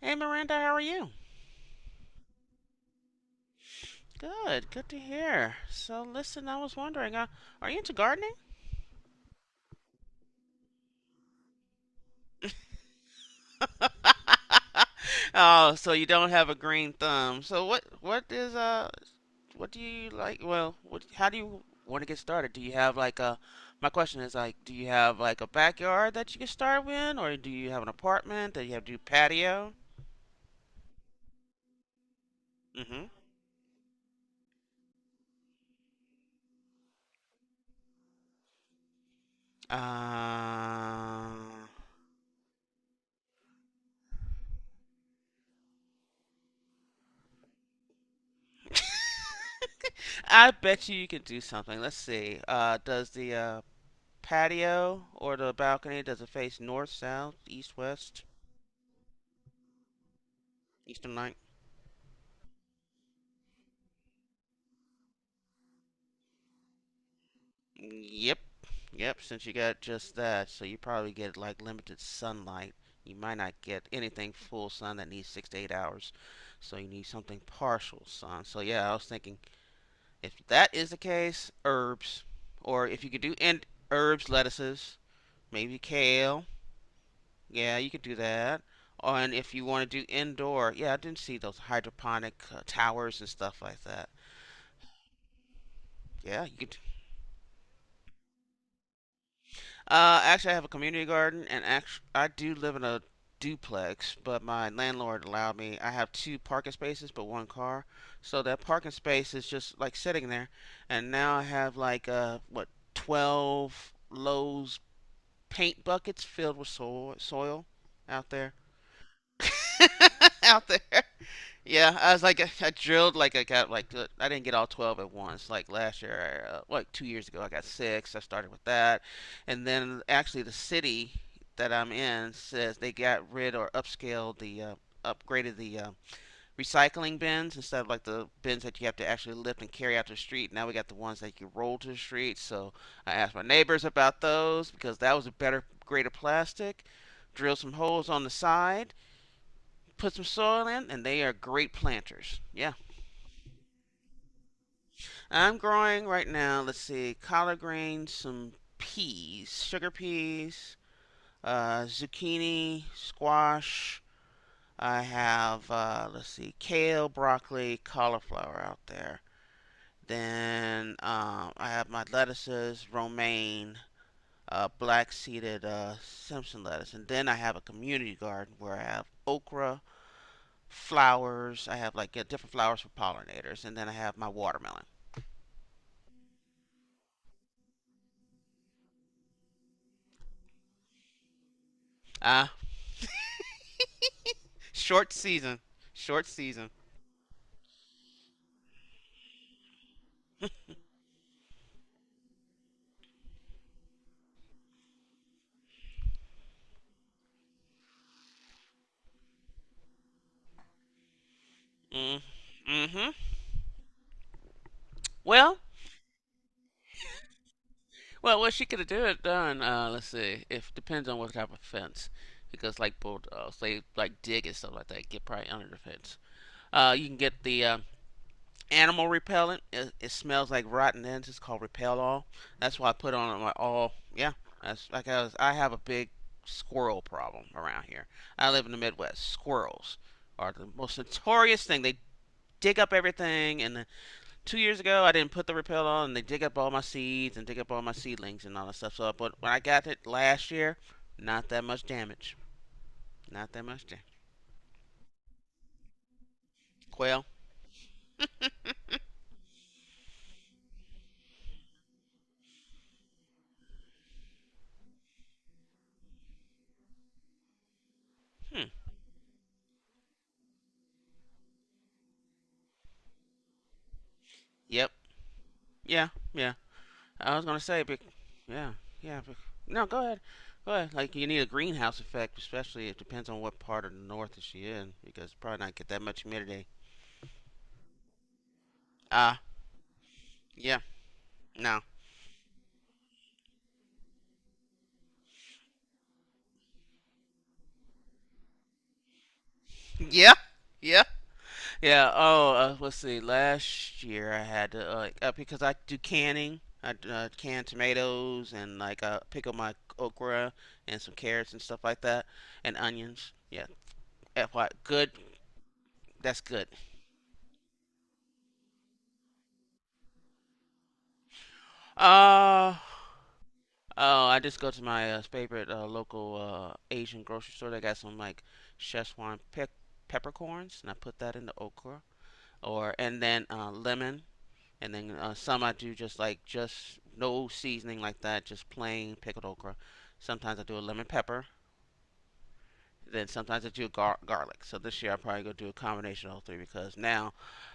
Hey Miranda, how are you? Good, good to hear. So listen, I was wondering, are you into gardening? Oh, so you don't have a green thumb. So what is what do you like? Well, what how do you want to get started? Do you have like a My question is like, do you have like a backyard that you can start with, or do you have an apartment that you have to do patio? Mm-hmm. Uh, I bet you can do something. Let's see. Does the patio or the balcony, does it face north, south, east, west, eastern light? Yep. Yep, since you got just that, so you probably get like limited sunlight. You might not get anything full sun that needs 6 to 8 hours. So you need something partial sun. So yeah, I was thinking if that is the case, herbs. Or if you could do in herbs, lettuces, maybe kale. Yeah, you could do that. And if you want to do indoor, yeah, I didn't see those hydroponic towers and stuff like that. Yeah, you could. Actually, I have a community garden, and actually, I do live in a duplex, but my landlord allowed me. I have two parking spaces, but one car. So that parking space is just like sitting there, and now I have like what 12 Lowe's paint buckets filled with soil out there, out there. Yeah, I was like I drilled like I got like I didn't get all 12 at once. Like last year, like 2 years ago I got 6. I started with that. And then actually the city that I'm in says they got rid or upscaled the upgraded the recycling bins instead of like the bins that you have to actually lift and carry out to the street. Now we got the ones that you roll to the street. So I asked my neighbors about those because that was a better grade of plastic. Drill some holes on the side, put some soil in, and they are great planters. Yeah. I'm growing right now, let's see, collard greens, some peas, sugar peas, zucchini, squash. I have, let's see, kale, broccoli, cauliflower out there. Then I have my lettuces, romaine, black seeded Simpson lettuce. And then I have a community garden where I have okra, flowers. I have like yeah, different flowers for pollinators, and then I have my watermelon. Ah, uh, Short season, short season. Mm. Mm-hmm. Well, well, what she could have did done. Let's see. If Depends on what type of fence, because like bulldogs, they like dig and stuff like that. Get probably under the fence. You can get the animal repellent. It smells like rotten ends. It's called Repel All. That's why I put on my all. Yeah, that's like I was. I have a big squirrel problem around here. I live in the Midwest. Squirrels are the most notorious thing. They dig up everything. And 2 years ago, I didn't put the Repel on, and they dig up all my seeds and dig up all my seedlings and all that stuff. So, but when I got it last year, not that much damage. Not that much damage. Quail. Hmm. Yep. Yeah. Yeah. I was gonna say, but yeah, yeah. No, go ahead, go ahead. Like you need a greenhouse effect, especially it depends on what part of the north is she in, because probably not get that much humidity. Ah, uh, yeah, no, yeah, yeah, yeah. Oh, let's see. Last year I had to because I do canning. I can tomatoes and like pickle my okra and some carrots and stuff like that, and onions. Yeah, FY, good. That's good. Uh, Oh, I just go to my favorite local Asian grocery store. They got some like Szechuan peppercorns, and I put that in the okra, or and then lemon, and then some I do just like just no seasoning like that, just plain pickled okra. Sometimes I do a lemon pepper, then sometimes I do garlic. So this year I'm probably gonna do a combination of all three because now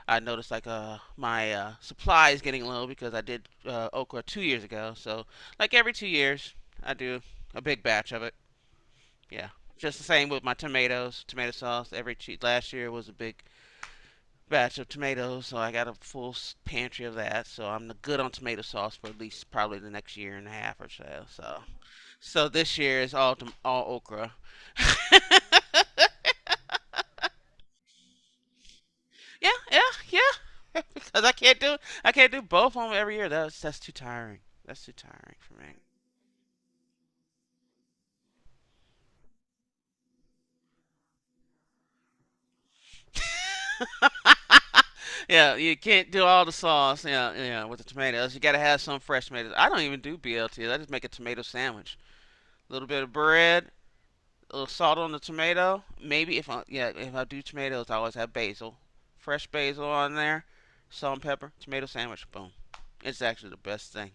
I noticed like my supply is getting low because I did okra 2 years ago. So like every 2 years I do a big batch of it. Yeah. Just the same with my tomatoes, tomato sauce. Last year was a big batch of tomatoes, so I got a full pantry of that. So I'm good on tomato sauce for at least probably the next year and a half or so. So this year is all okra. Yeah, yeah, yeah. Because I can't do both of them every year. That's too tiring. That's too tiring for me. Yeah, you can't do all the sauce. Yeah, yeah, with the tomatoes. You gotta have some fresh tomatoes. I don't even do BLTs. I just make a tomato sandwich. A little bit of bread, a little salt on the tomato. Maybe if I do tomatoes, I always have basil, fresh basil on there, salt and pepper, tomato sandwich. Boom. It's actually the best thing.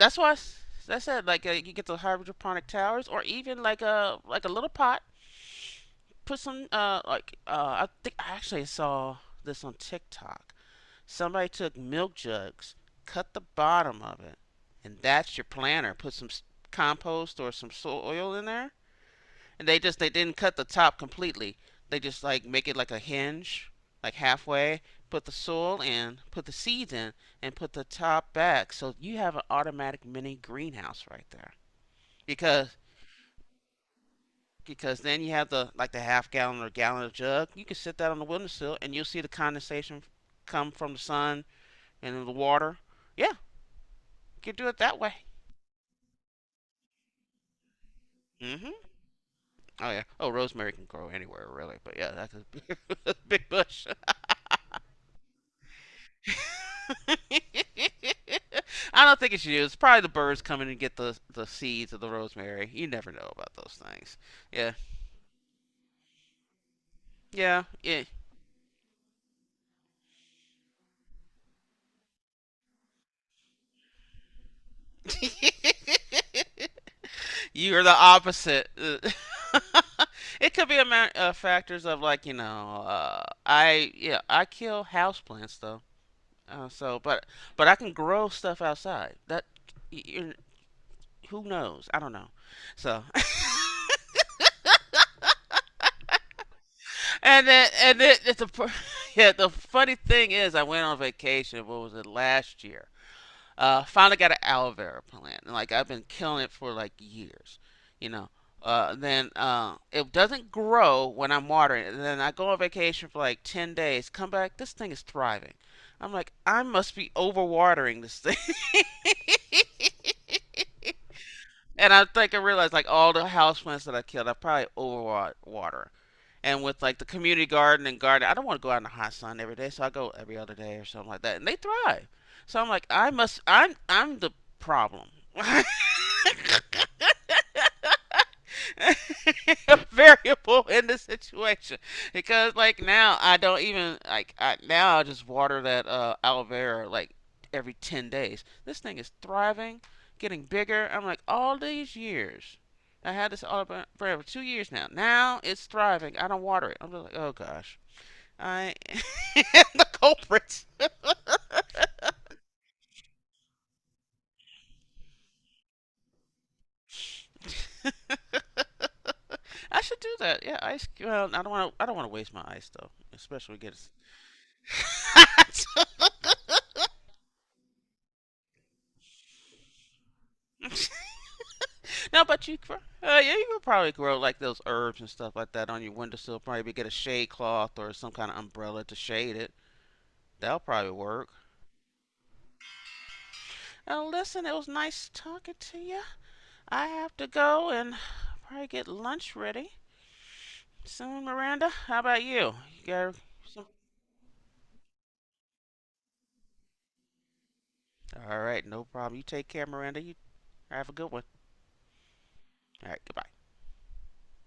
That's why I s- I said like you get the hydroponic towers or even like a little pot. Put some like I think I actually saw this on TikTok. Somebody took milk jugs, cut the bottom of it, and that's your planter. Put some compost or some soil in there, and they didn't cut the top completely. They just like make it like a hinge, like halfway. Put the soil in, put the seeds in, and put the top back. So you have an automatic mini greenhouse right there. Because because then you have the like the half gallon or gallon jug. You can sit that on the windowsill and you'll see the condensation come from the sun and the water. Yeah, you can do it that way. Hmm. Oh yeah. Oh, rosemary can grow anywhere really, but yeah, that's a big, big bush. I don't think it's you. It's probably the birds coming and get the seeds of the rosemary. You never know about those things. Yeah, yeah, yeah. You are the opposite. It could be a factors of like I yeah, I kill houseplants though. So, but I can grow stuff outside. That you, who knows? I don't know. So. And then it's a, yeah, the funny thing is, I went on vacation. What was it last year? Finally got an aloe vera plant, and like I've been killing it for like years, you know. Then it doesn't grow when I'm watering it. And then I go on vacation for like 10 days. Come back, this thing is thriving. I'm like, I must be overwatering this thing. And I think I realized like all the houseplants that I killed, I probably overwater, and with like the community garden and garden, I don't want to go out in the hot sun every day, so I go every other day or something like that, and they thrive. So I'm like, I must I'm the problem. A variable in the situation, because like now I don't even now I just water that aloe vera like every 10 days. This thing is thriving, getting bigger. I'm like, all these years I had this all for 2 years. Now it's thriving, I don't water it. I'm just like, oh gosh, I am the culprits. I should do that. Yeah, ice. Well, I don't want to. I don't want to waste my ice though, especially when it gets. No, but you, yeah, you could probably grow like those herbs and stuff like that on your windowsill. Probably get a shade cloth or some kind of umbrella to shade it. That'll probably work. Now, listen, it was nice talking to you. I have to go and probably get lunch ready soon, Miranda. How about you? You got some? All right, no problem. You take care, Miranda. You have a good one. All right, goodbye.